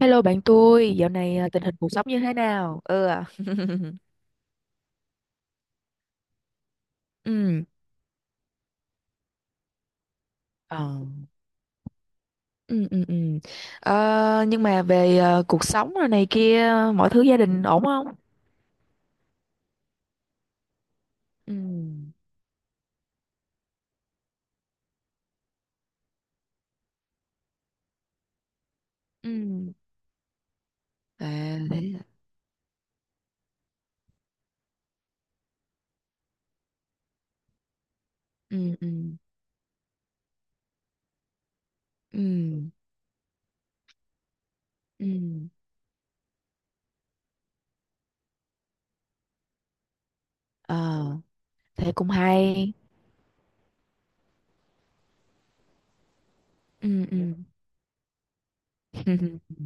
Hello bạn tôi, dạo này tình hình cuộc sống như thế nào? Ừ, à, ừ, ờ, ừ, ừ, ừ. Nhưng mà về cuộc sống rồi này kia, mọi thứ gia đình ổn không? Ừ, ừ, à, thế, à. Ừ, ừ, ừ, ừ, ờ, thế cũng hay, ừ, ừ.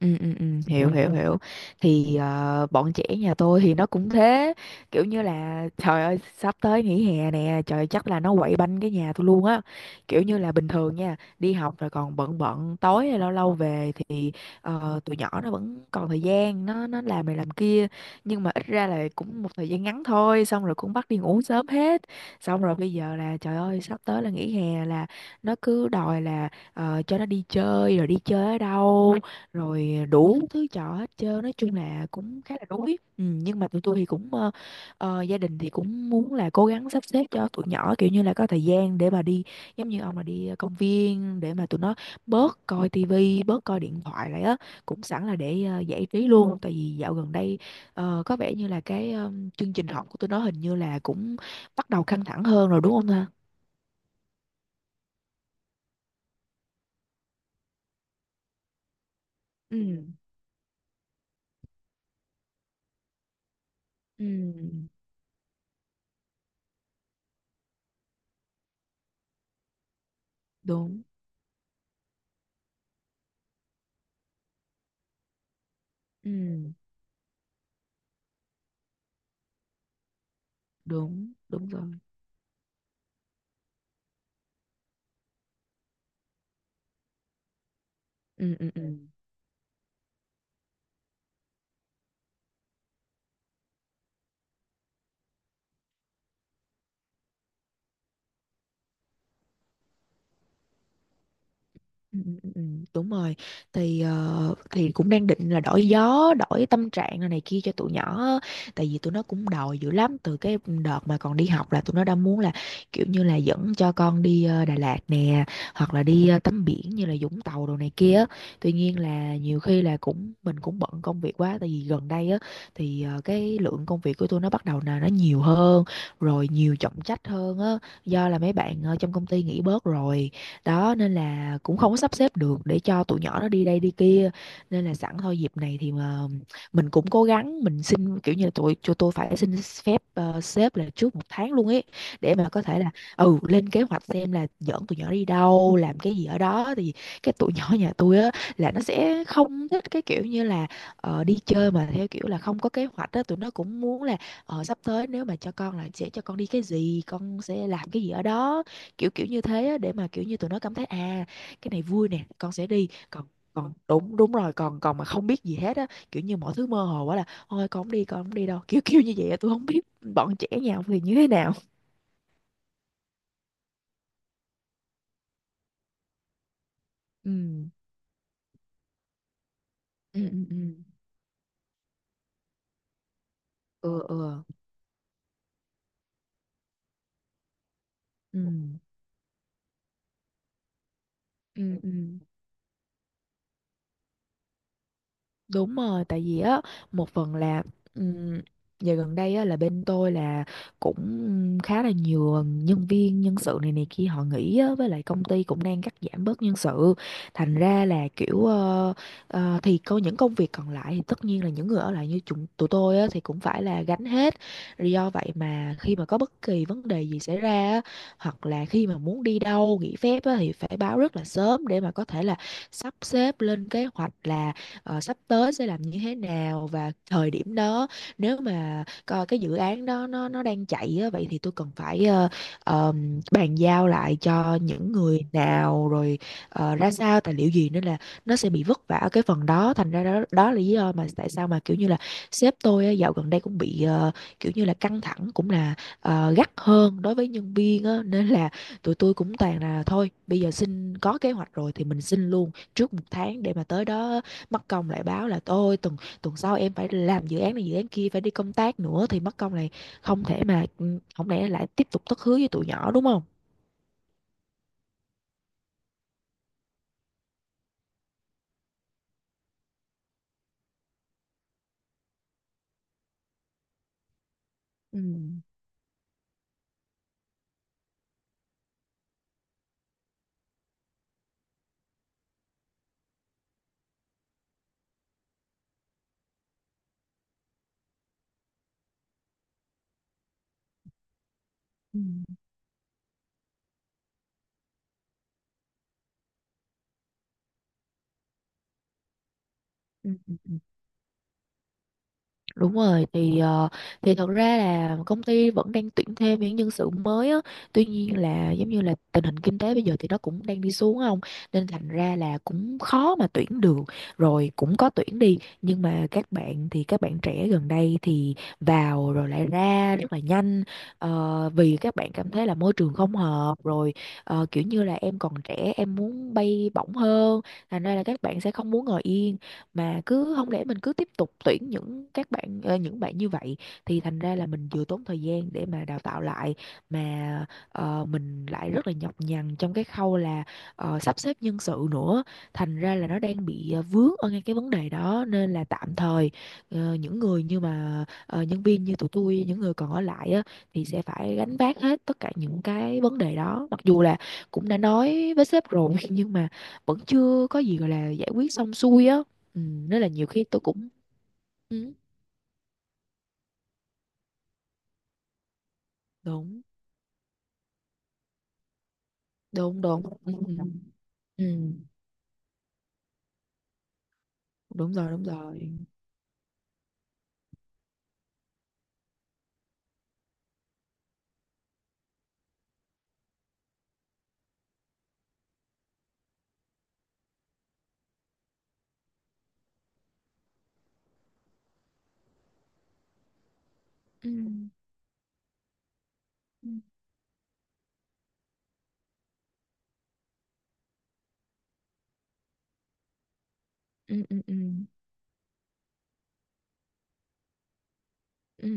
Ừ, ừ, ừ, hiểu. Ừ, hiểu hiểu Thì bọn trẻ nhà tôi thì nó cũng thế, kiểu như là trời ơi sắp tới nghỉ hè nè, trời ơi, chắc là nó quậy banh cái nhà tôi luôn á. Kiểu như là bình thường nha, đi học rồi còn bận bận tối hay lâu lâu về thì tụi nhỏ nó vẫn còn thời gian nó làm này làm kia, nhưng mà ít ra là cũng một thời gian ngắn thôi, xong rồi cũng bắt đi ngủ sớm hết. Xong rồi bây giờ là trời ơi sắp tới là nghỉ hè là nó cứ đòi là cho nó đi chơi rồi đi chơi ở đâu, rồi đủ thứ trò hết trơn, nói chung là cũng khá là đuối. Ừ, nhưng mà tụi tôi thì cũng gia đình thì cũng muốn là cố gắng sắp xếp cho tụi nhỏ, kiểu như là có thời gian để mà đi, giống như ông là đi công viên để mà tụi nó bớt coi tivi, bớt coi điện thoại lại á, cũng sẵn là để giải trí luôn. Tại vì dạo gần đây có vẻ như là chương trình học của tụi nó hình như là cũng bắt đầu căng thẳng hơn rồi, đúng không ta? Ừ, ừ, đúng, ừ, đúng đúng rồi, ừ, ừ, ừ. Ừ, ừ, ừ, ừ, đúng rồi. Thì thì cũng đang định là đổi gió đổi tâm trạng này, này kia cho tụi nhỏ á. Tại vì tụi nó cũng đòi dữ lắm, từ cái đợt mà còn đi học là tụi nó đã muốn là kiểu như là dẫn cho con đi Đà Lạt nè, hoặc là đi tắm biển như là Vũng Tàu đồ này kia á. Tuy nhiên là nhiều khi là cũng mình cũng bận công việc quá. Tại vì gần đây á thì cái lượng công việc của tụi nó bắt đầu là nó nhiều hơn rồi, nhiều trọng trách hơn á, do là mấy bạn trong công ty nghỉ bớt rồi đó, nên là cũng không có sắp xếp được để cho tụi nhỏ nó đi đây đi kia. Nên là sẵn thôi dịp này thì mà mình cũng cố gắng mình xin, kiểu như là tụi cho tôi phải xin phép sếp là trước 1 tháng luôn ấy, để mà có thể là ừ lên kế hoạch xem là dẫn tụi nhỏ đi đâu làm cái gì ở đó. Thì cái tụi nhỏ nhà tôi á là nó sẽ không thích cái kiểu như là đi chơi mà theo kiểu là không có kế hoạch á. Tụi nó cũng muốn là ờ, sắp tới nếu mà cho con là sẽ cho con đi cái gì, con sẽ làm cái gì ở đó, kiểu kiểu như thế á, để mà kiểu như tụi nó cảm thấy à cái này vui nè con sẽ đi. Còn còn đúng đúng rồi, còn còn mà không biết gì hết á, kiểu như mọi thứ mơ hồ quá là thôi con không đi, con không đi đâu kiểu kiểu như vậy á. Tôi không biết bọn trẻ nhà ông thì như thế nào. Ừ, ừ, ừ, ừ, ừ, ừ, ừ, ừ. Đúng rồi, tại vì á một phần là um, giờ gần đây á là bên tôi là cũng khá là nhiều nhân viên, nhân sự này này kia họ nghỉ á, với lại công ty cũng đang cắt giảm bớt nhân sự. Thành ra là kiểu thì có những công việc còn lại thì tất nhiên là những người ở lại như chúng tụi tôi á thì cũng phải là gánh hết. Do vậy mà khi mà có bất kỳ vấn đề gì xảy ra á, hoặc là khi mà muốn đi đâu nghỉ phép á, thì phải báo rất là sớm để mà có thể là sắp xếp lên kế hoạch là sắp tới sẽ làm như thế nào. Và thời điểm đó nếu mà coi cái dự án đó nó đang chạy á, vậy thì tôi cần phải bàn giao lại cho những người nào, rồi ra sao tài liệu gì, nên là nó sẽ bị vất vả ở cái phần đó. Thành ra đó đó là lý do mà tại sao mà kiểu như là sếp tôi á, dạo gần đây cũng bị kiểu như là căng thẳng, cũng là gắt hơn đối với nhân viên á, nên là tụi tôi cũng toàn là thôi bây giờ xin có kế hoạch rồi thì mình xin luôn trước 1 tháng. Để mà tới đó mất công lại báo là tôi tuần tuần sau em phải làm dự án này dự án kia, phải đi công tác nữa thì mất công này. Không thể mà ừ, không lẽ lại tiếp tục thất hứa với tụi nhỏ đúng không. Ừ, ừ, ừ, ừ. Đúng rồi. Thì thì thật ra là công ty vẫn đang tuyển thêm những nhân sự mới á. Tuy nhiên là giống như là tình hình kinh tế bây giờ thì nó cũng đang đi xuống không, nên thành ra là cũng khó mà tuyển được. Rồi cũng có tuyển đi, nhưng mà các bạn thì các bạn trẻ gần đây thì vào rồi lại ra rất là nhanh. Ờ, vì các bạn cảm thấy là môi trường không hợp, rồi kiểu như là em còn trẻ em muốn bay bổng hơn. Thành ra là các bạn sẽ không muốn ngồi yên, mà cứ không lẽ mình cứ tiếp tục tuyển những các bạn những bạn như vậy, thì thành ra là mình vừa tốn thời gian để mà đào tạo lại, mà mình lại rất là nhọc nhằn trong cái khâu là sắp xếp nhân sự nữa. Thành ra là nó đang bị vướng ở ngay cái vấn đề đó, nên là tạm thời những người như mà nhân viên như tụi tôi, những người còn ở lại á, thì sẽ phải gánh vác hết tất cả những cái vấn đề đó. Mặc dù là cũng đã nói với sếp rồi nhưng mà vẫn chưa có gì gọi là giải quyết xong xuôi á. Ừ, rất là nhiều khi tôi cũng ừ, đúng đúng đúng, ừ, ừ, đúng rồi đúng rồi, ừ, ừ, ừ, ừ, ừ, ừ,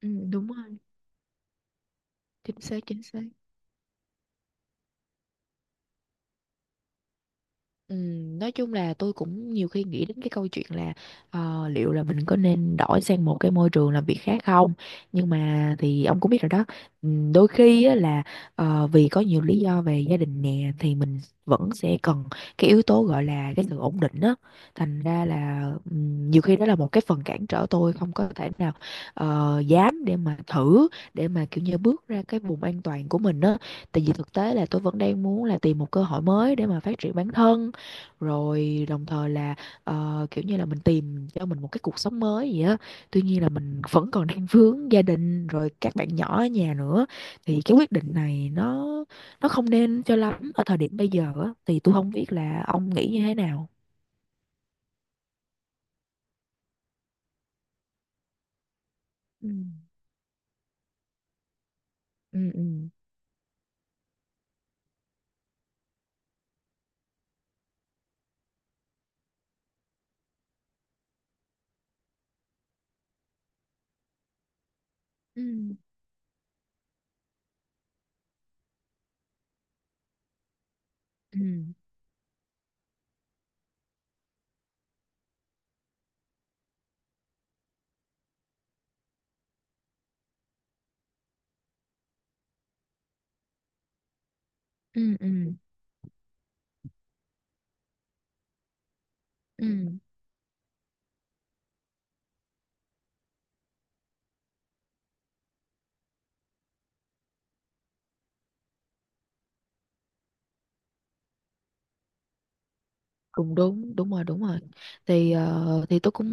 ừ, đúng rồi, chính xác chính xác. Nói chung là tôi cũng nhiều khi nghĩ đến cái câu chuyện là liệu là mình có nên đổi sang một cái môi trường làm việc khác không. Nhưng mà thì ông cũng biết rồi đó, đôi khi á, là vì có nhiều lý do về gia đình nè, thì mình vẫn sẽ cần cái yếu tố gọi là cái sự ổn định á. Thành ra là nhiều khi đó là một cái phần cản trở tôi không có thể nào dám để mà thử, để mà kiểu như bước ra cái vùng an toàn của mình á. Tại vì thực tế là tôi vẫn đang muốn là tìm một cơ hội mới để mà phát triển bản thân, rồi đồng thời là kiểu như là mình tìm cho mình một cái cuộc sống mới gì á. Tuy nhiên là mình vẫn còn đang vướng gia đình, rồi các bạn nhỏ ở nhà nữa, thì cái quyết định này nó không nên cho lắm ở thời điểm bây giờ á. Thì tôi không biết là ông nghĩ như thế nào. Ừ. Ừ, ừ. Ừ. Ừ, ừ, ừ, ừ. Cũng đúng, đúng rồi đúng rồi. Thì thì tôi cũng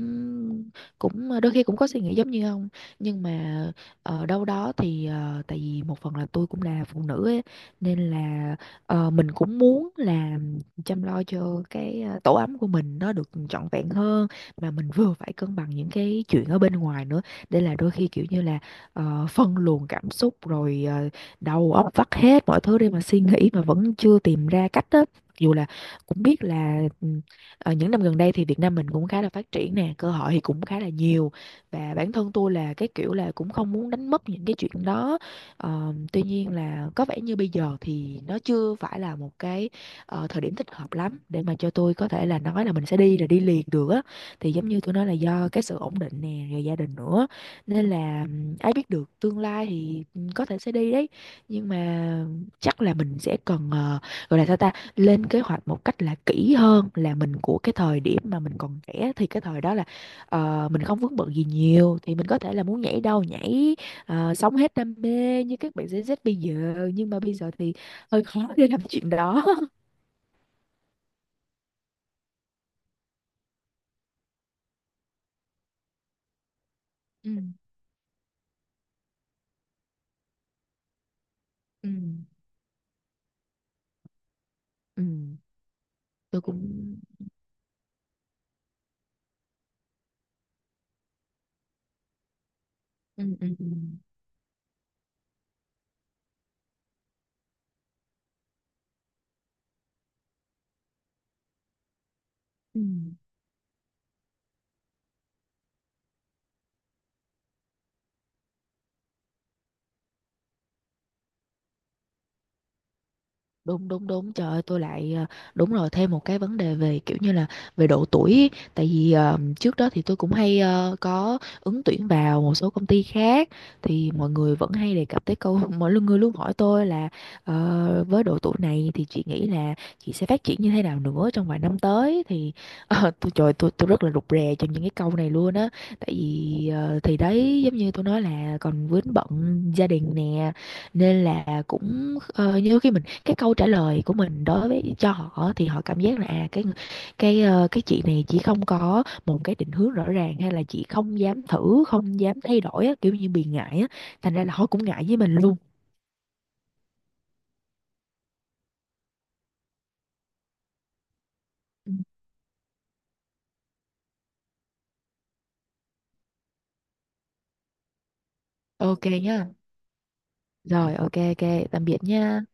cũng đôi khi cũng có suy nghĩ giống như ông. Nhưng mà ở đâu đó thì tại vì một phần là tôi cũng là phụ nữ ấy, nên là mình cũng muốn là chăm lo cho cái tổ ấm của mình nó được trọn vẹn hơn, mà mình vừa phải cân bằng những cái chuyện ở bên ngoài nữa. Để là đôi khi kiểu như là phân luồng cảm xúc, rồi đầu óc vắt hết mọi thứ để mà suy nghĩ mà vẫn chưa tìm ra cách á. Dù là cũng biết là những năm gần đây thì Việt Nam mình cũng khá là phát triển nè, cơ hội thì cũng khá là nhiều, và bản thân tôi là cái kiểu là cũng không muốn đánh mất những cái chuyện đó. Ờ, tuy nhiên là có vẻ như bây giờ thì nó chưa phải là một cái thời điểm thích hợp lắm để mà cho tôi có thể là nói là mình sẽ đi là đi liền được á. Thì giống như tôi nói là do cái sự ổn định nè, rồi gia đình nữa, nên là ai biết được tương lai thì có thể sẽ đi đấy. Nhưng mà chắc là mình sẽ cần gọi là sao ta, lên kế hoạch một cách là kỹ hơn, là mình của cái thời điểm mà mình còn trẻ thì cái thời đó là mình không vướng bận gì nhiều thì mình có thể là muốn nhảy đâu nhảy, sống hết đam mê như các bạn Gen Z bây giờ. Nhưng mà bây giờ thì hơi khó để làm chuyện đó. Ừ, ừ, ừ. Tôi cũng ừ, ừ, ừ. Ừ. Đúng đúng đúng, trời ơi tôi lại đúng rồi, thêm một cái vấn đề về kiểu như là về độ tuổi ý. Tại vì trước đó thì tôi cũng hay có ứng tuyển vào một số công ty khác, thì mọi người vẫn hay đề cập tới câu. Người luôn hỏi tôi là với độ tuổi này thì chị nghĩ là chị sẽ phát triển như thế nào nữa trong vài năm tới. Thì tôi trời tôi rất là rụt rè trong những cái câu này luôn á. Tại vì thì đấy giống như tôi nói là còn vướng bận gia đình nè, nên là cũng như khi mình cái câu trả lời của mình đối với cho họ thì họ cảm giác là à cái cái chị này chỉ không có một cái định hướng rõ ràng, hay là chị không dám thử không dám thay đổi á, kiểu như bị ngại á. Thành ra là họ cũng ngại với mình luôn. Ừ. Ok nhá. Rồi ok ok, tạm biệt nha.